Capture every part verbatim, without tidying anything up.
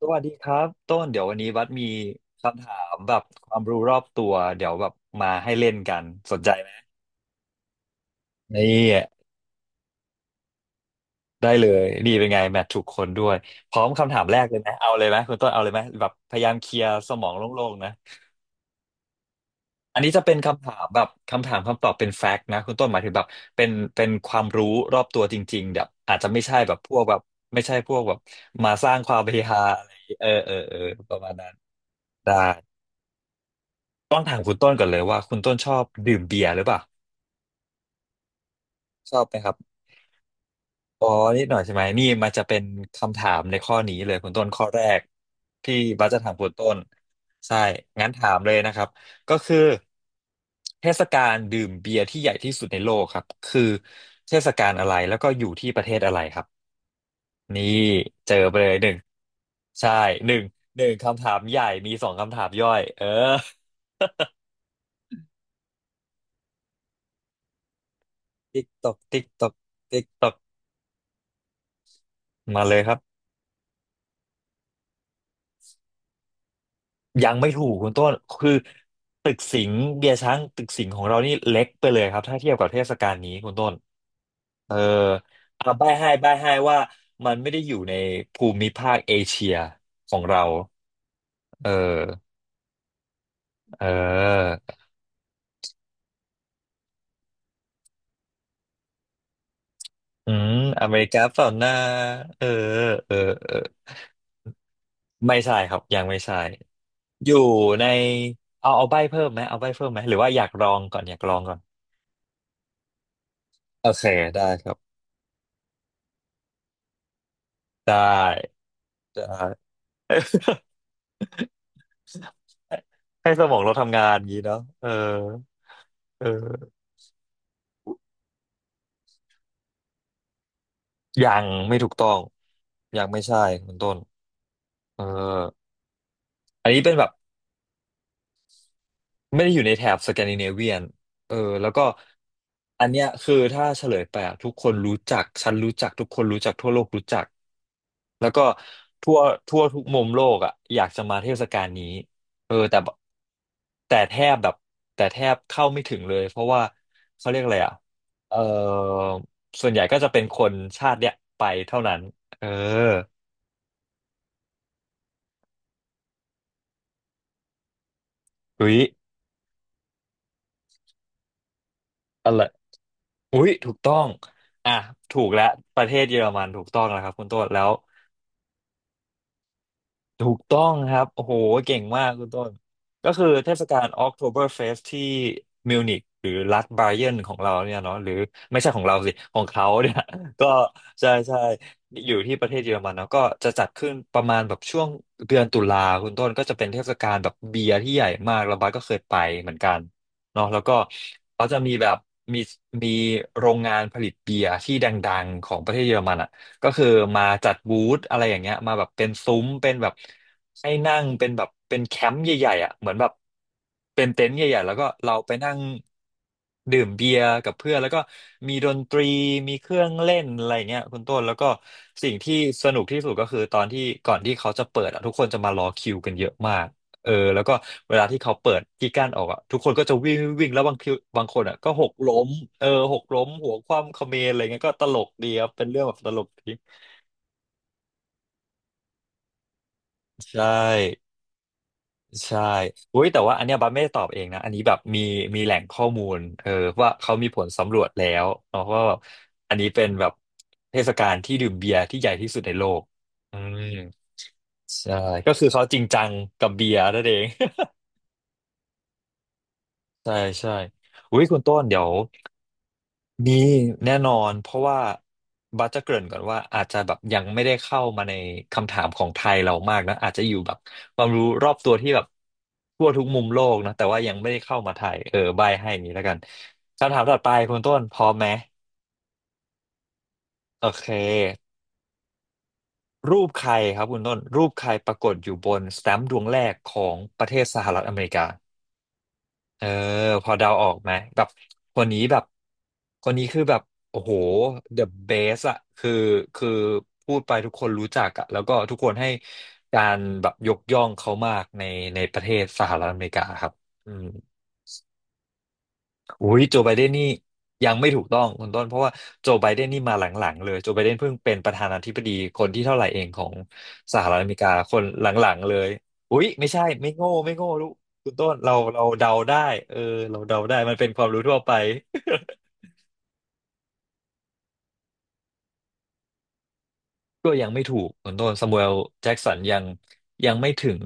สวัสดีครับต้นเดี๋ยววันนี้วัดมีคำถามแบบความรู้รอบตัวเดี๋ยวแบบมาให้เล่นกันสนใจไหมนี่ได้เลยนี่เป็นไงแมทถูกคนด้วยพร้อมคำถามแรกเลยไหมเอาเลยไหมคุณต้นเอาเลยไหมแบบพยายามเคลียร์สมองโล่งๆนะอันนี้จะเป็นคำถามแบบคำถามคำตอบเป็นแฟกต์นะคุณต้นหมายถึงแบบเป็นเป็นความรู้รอบตัวจริงๆแบบอาจจะไม่ใช่แบบพวกแบบไม่ใช่พวกแบบมาสร้างความเฮฮาอะไรอย่างงี้เออเออเออประมาณนั้นได้ ต้องถามคุณต้นก่อนเลยว่าคุณต้นชอบดื่มเบียร์หรือเปล่าชอบไหมครับอ๋อนิดหน่อยใช่ไหมนี่มันจะเป็นคำถามในข้อนี้เลยคุณต้นข้อแรกที่บัสจะถามคุณต้นใช่งั้นถามเลยนะครับก็คือเทศกาลดื่มเบียร์ที่ใหญ่ที่สุดในโลกครับคือเทศกาลอะไรแล้วก็อยู่ที่ประเทศอะไรครับนี่เจอไปเลยหนึ่งใช่หนึ่งหนึ่งคำถามใหญ่มีสองคำถามย่อยเออ ติ๊กตอกติ๊กตอกติ๊กตอกมาเลยครับ ยังไม่ถูกคุณต้นคือตึกสิงห์เบียร์ช้างตึกสิงห์ของเรานี่เล็กไปเลยครับถ้าเทียบกับเทศกาลนี้คุณต้นเออเอาใบ้ให้ใบ้ให้ว่ามันไม่ได้อยู่ในภูมิภาคเอเชียของเราเออเอออืมอเมริกาเปล่าหนะเออเออเออไม่ใช่ครับยังไม่ใช่อยู่ในเอาเอาใบ้เพิ่มไหมเอาใบ้เพิ่มไหมหรือว่าอยากลองก่อนอยากลองก่อนโอเคได้ครับได้ได้ ให้ สมองเราทำงานอย่างนี้เนาะเออเออยังไม่ถูกต้องยังไม่ใช่คุณต้นเอออันนี้เป็นแบบ ไม่ได้อยู่ในแถบสแกนดิเนเวียนเออแล้วก็อันเนี้ยคือถ้าเฉลยไปอะทุกคนรู้จักฉันรู้จักทุกคนรู้จักทั่วโลกรู้จักแล้วก็ทั่วทั่วทุกมุมโลกอ่ะอยากจะมาเทศกาลนี้เออแต่บแต่แทบแบบแต่แทบเข้าไม่ถึงเลยเพราะว่าเขาเรียกอะไรอ่ะเออส่วนใหญ่ก็จะเป็นคนชาติเนี้ยไปเท่านั้นเอออุ๊ยอะไรอุ๊ยถูกต้องอ่ะถูกแล้วประเทศเยอรมันถูกต้องแล้วครับคุณต้นแล้ว ถูกต้องครับโอ้โหเก่งมากคุณต้นก็คือเทศกาล Oktoberfest ที่มิวนิกหรือรัฐไบเยนของเราเนี่ยเนาะหรือไม่ใช่ของเราสิของเขาเนี่ย ก็ใช่ใช่อยู่ที่ประเทศเยอรมันเนาะก็จะจัดขึ้นประมาณแบบช่วงเดือนตุลาคุณต้นก็จะเป็นเทศกาลแบบเบียร์ที่ใหญ่มากแล้วบัสก็เคยไปเหมือนกันเนาะแล้วก็เขาจะมีแบบมีมีโรงงานผลิตเบียร์ที่ดังๆของประเทศเยอรมันอะ ก็คือมาจัดบูธอะไรอย่างเงี้ยมาแบบเป็นซุ้มเป็นแบบให้นั่งเป็นแบบเป็นแคมป์ใหญ่ๆอ่ะเหมือนแบบเป็นเต็นท์ใหญ่ๆแล้วก็เราไปนั่งดื่มเบียร์กับเพื่อนแล้วก็มีดนตรีมีเครื่องเล่นอะไรอย่างเงี้ยคุณต้นแล้วก็สิ่งที่สนุกที่สุดก็คือตอนที่ก่อนที่เขาจะเปิดอ่ะทุกคนจะมารอคิวกันเยอะมาก เออแล้วก็เวลาที่เขาเปิดที่กั้นออกอ่ะทุกคนก็จะวิ่งวิ่งวิ่งแล้วบางทีบางคนอ่ะก็หกล้มเออหกล้มหัวคว่ำเขมรอะไรเงี้ยก็ตลกดีครับเป็นเรื่องแบบตลกดีใช่ใช่อุ้ยแต่ว่าอันเนี้ยบัสไม่ได้ตอบเองนะอันนี้แบบมีมีแหล่งข้อมูลเออว่าเขามีผลสำรวจแล้วเนาะว่าแบบอันนี้เป็นแบบเทศกาลที่ดื่มเบียร์ที่ใหญ่ที่สุดในโลกอืมใช่ก็คือเขาจริงจังกับเบียร์นั่นเอง ใช่ใช่อุ้ยคุณต้นเดี๋ยว มีแน่นอนเพราะว่าบัสจะเกริ่นก่อนว่าอาจจะแบบยังไม่ได้เข้ามาในคำถามของไทยเรามากนะอาจจะอยู่แบบความรู้รอบตัวที่แบบทั่วทุกมุมโลกนะแต่ว่ายังไม่ได้เข้ามาไทยเออใบให้นี้แล้วกันคำถามต่อไปคุณต้นพร้อมไหมโอเครูปใครครับคุณต้นรูปใครปรากฏอยู่บนสแตมป์ดวงแรกของประเทศสหรัฐอเมริกา เออพอเดาออกไหมแบบคนนี้แบบคนนี้คือแบบโอ้โห the best อะคือคือพูดไปทุกคนรู้จักอะแล้วก็ทุกคนให้การแบบยกย่องเขามากในในประเทศสหรัฐอเมริกาครับอืม อุ้ยโจไบเดนนี่ยังไม่ถูกต้องคุณต้นเพราะว่าโจไบเดนนี่มาหลังๆเลยโจไบเดนเพิ่งเป็นประธานาธิบดีคนที่เท่าไหร่เองของสหรัฐอเมริกาคนหลังๆเลยอุ้ยไม่ใช่ไม่โง่ไม่โง่ลูกคุณต้นเราเราเดาได้เออเราเดาได้มันเป็นความรู้ทั่วไป ก็ยังไม่ถูกคุณต้นซามูเอลแจ็กสันยังยังไม่ถึง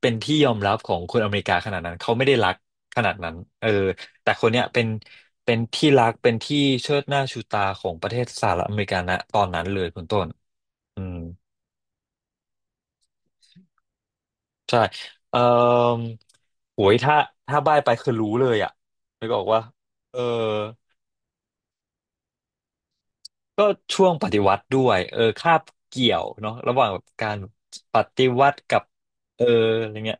เป็นที่ยอมรับของคนอเมริกาขนาดนั้นเขาไม่ได้รักขนาดนั้นเออแต่คนเนี้ยเป็นเป็นที่รักเป็นที่เชิดหน้าชูตาของประเทศสหรัฐอเมริกาณตอนนั้นเลยคุณต้นอืมใช่เอ่อโหยถ้าถ้าบ้ายไปคือรู้เลยอ่ะไม่บอกว่าเออก็ช่วงปฏิวัติด้วยเออคาบเกี่ยวเนาะระหว่างการปฏิวัติกับเอออะไรเงี้ย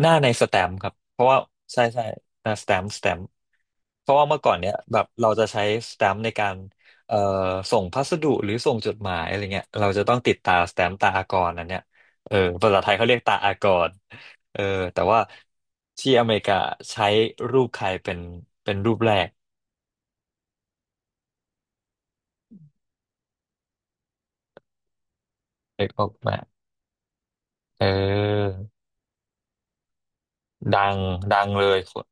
หน้าในสแตมป์ครับเพราะว่าใช่ใช่หน้าสแตมป์สแตมป์เพราะว่าเมื่อก่อนเนี้ยแบบเราจะใช้สแตมป์ในการเอ่อส่งพัสดุหรือส่งจดหมายอะไรเงี้ยเราจะต้องติดตาสแตมป์ตาอากรอันเนี้ยเออภาษาไทยเขาเรียกตาอากรเออแต่ว่าที่อเมริกาใช้รูปใครเป็นเป็นรูปแรกเอกออกไหมาเออดังดังเลยคน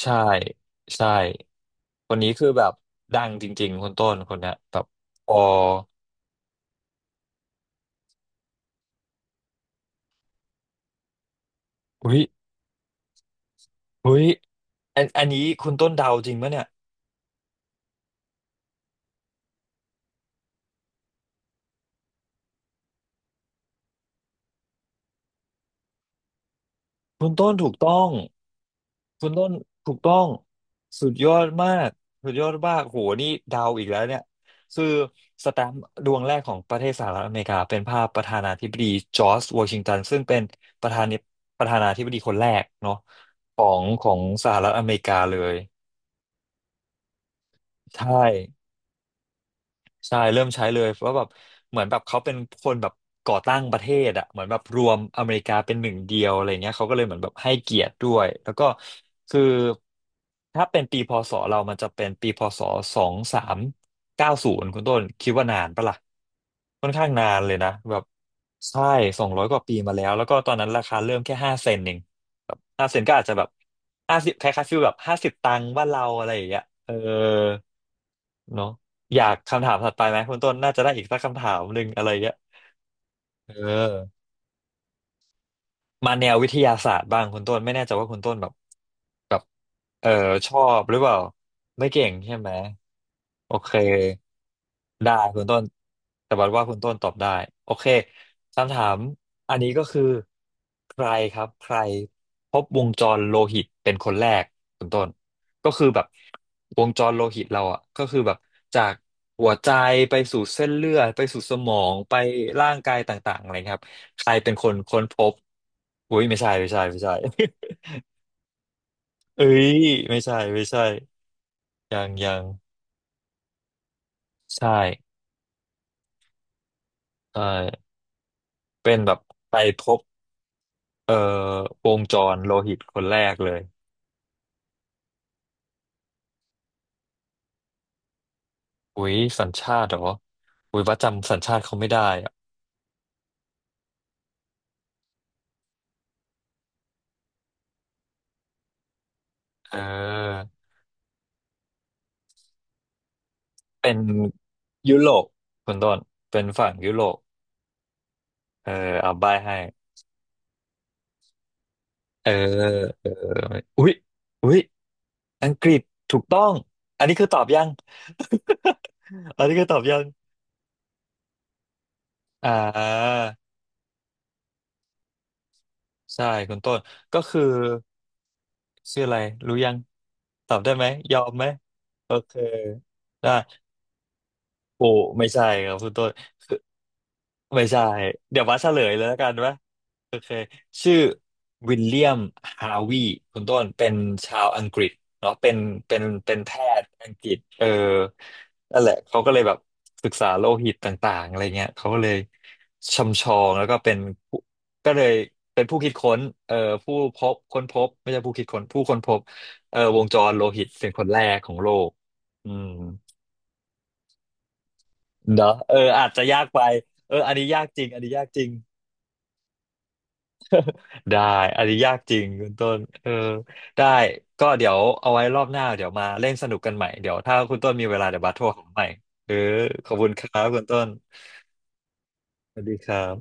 ใช่ใช่คนนี้คือแบบดังจริงๆคนต้นคนเนี้ยแบบพออุ๊ย เฮ้ยอันอันนี้คุณต้นเดาจริงปะเนี่ย คุณต้นถูกต้อง คุณต้นถูกต้องสุดยอดมากสุดยอดมากโหนี่เดาวอีกแล้วเนี่ยคือสแตมป์ดวงแรกของประเทศสหรัฐอเมริกาเป็นภาพประธานาธิบดีจอร์จวอชิงตันซึ่งเป็นประธานิประธานาธิบดีคนแรกเนาะของของสหรัฐอเมริกาเลยใช่ ใช่เริ่มใช้เลยเพราะแบบเหมือนแบบเขาเป็นคนแบบก่อตั้งประเทศอ่ะเหมือนแบบรวมอเมริกาเป็นหนึ่งเดียวอะไรเงี้ยเขาก็เลยเหมือนแบบให้เกียรติด้วยแล้วก็คือถ้าเป็นปีพศเรามันจะเป็นปีพศสองพันสามร้อยเก้าสิบคุณต้นคิดว่านานปะล่ะค่อนข้างนานเลยนะแบบใช่สองร้อยกว่าปีมาแล้วแล้วก็ตอนนั้นราคาเริ่มแค่ห้าเซนเองแบบห้าเซนก็อาจจะแบบห้าสิบคล้ายๆฟีลแบบห้าสิบตังค์บ้านเราอะไรอย่างเงี้ยเออ เนาะอยากคำถามถัดไปไหมคุณต้นน่าจะได้อีกสักคำถามหนึ่งอะไรเงี้ยเออมาแนววิทยาศาสตร์บ้างคุณต้นไม่แน่ใจว่าคุณต้นแบบแบบเออชอบหรือเปล่าไม่เก่งใช่ไหมโอเค ได้คุณต้นแต่บัดว่าคุณต้นตอบได้โอเคคำถามอันนี้ก็คือใครครับใครพบวงจรโลหิตเป็นคนแรกคุณต้นก็คือแบบวงจรโลหิตเราอ่ะก็คือแบบจากหัวใจไปสู่เส้นเลือดไปสู่สมองไปร่างกายต่างๆอะไรครับใครเป็นคนค้นพบอุ้ยไม่ใช่ไม่ใช่ไม่ใช่ เอ้ยไม่ใช่ไม่ใช่ยังยังใช่ใช่เป็นแบบไปพบ เอ่อวงจรโลหิตคนแรกเลยอุ้ยสัญชาติเหรออุ้ยว่าจำสัญชาติเขาไม่ได้อะเออเป็นยุโรปคุณต้นเป็นฝั่งยุโรปเออเอาใบให้เออเอออุ๊ยอุ๊ยอังกฤษถูกต้องอันนี้คือตอบยัง อันนี้คือตอบยังอ่าใช่คุณต้นก็คือชื่ออะไรรู้ยังตอบได้ไหมยอมไหมโอเคได้ โอ้ไม่ใช่ครับคุณต้นคือไม่ใช่เดี๋ยวว่าเฉลยเลยแล้วกันวะโอเคชื่อวิลเลียมฮาวีคุณต้นเป็นชาวอังกฤษเนาะเป็นเป็นเป็นแพทย์อังกฤษเออนั่นแหละเขาก็เลยแบบศึกษาโลหิตต่างๆอะไรเงี้ยเขาก็เลยชำชองแล้วก็เป็นผู้ก็เลยเป็นผู้คิดค้นเอ่อผู้พบค้นพบไม่ใช่ผู้คิดค้นผู้ค้นพบเอ่อวงจรโลหิตเป็นคนแรกของโลกอืม เนาะเอออาจจะยากไปเอออันนี้ยากจริงอันนี้ยากจริงได้อันนี้ยากจริงคุณต้นเออได้ก็เดี๋ยวเอาไว้รอบหน้าเดี๋ยวมาเล่นสนุกกันใหม่เดี๋ยวถ้าคุณต้นมีเวลาเดี๋ยวบัสโทรหาใหม่เออขอบคุณครับคุณต้นสวัสดีครับ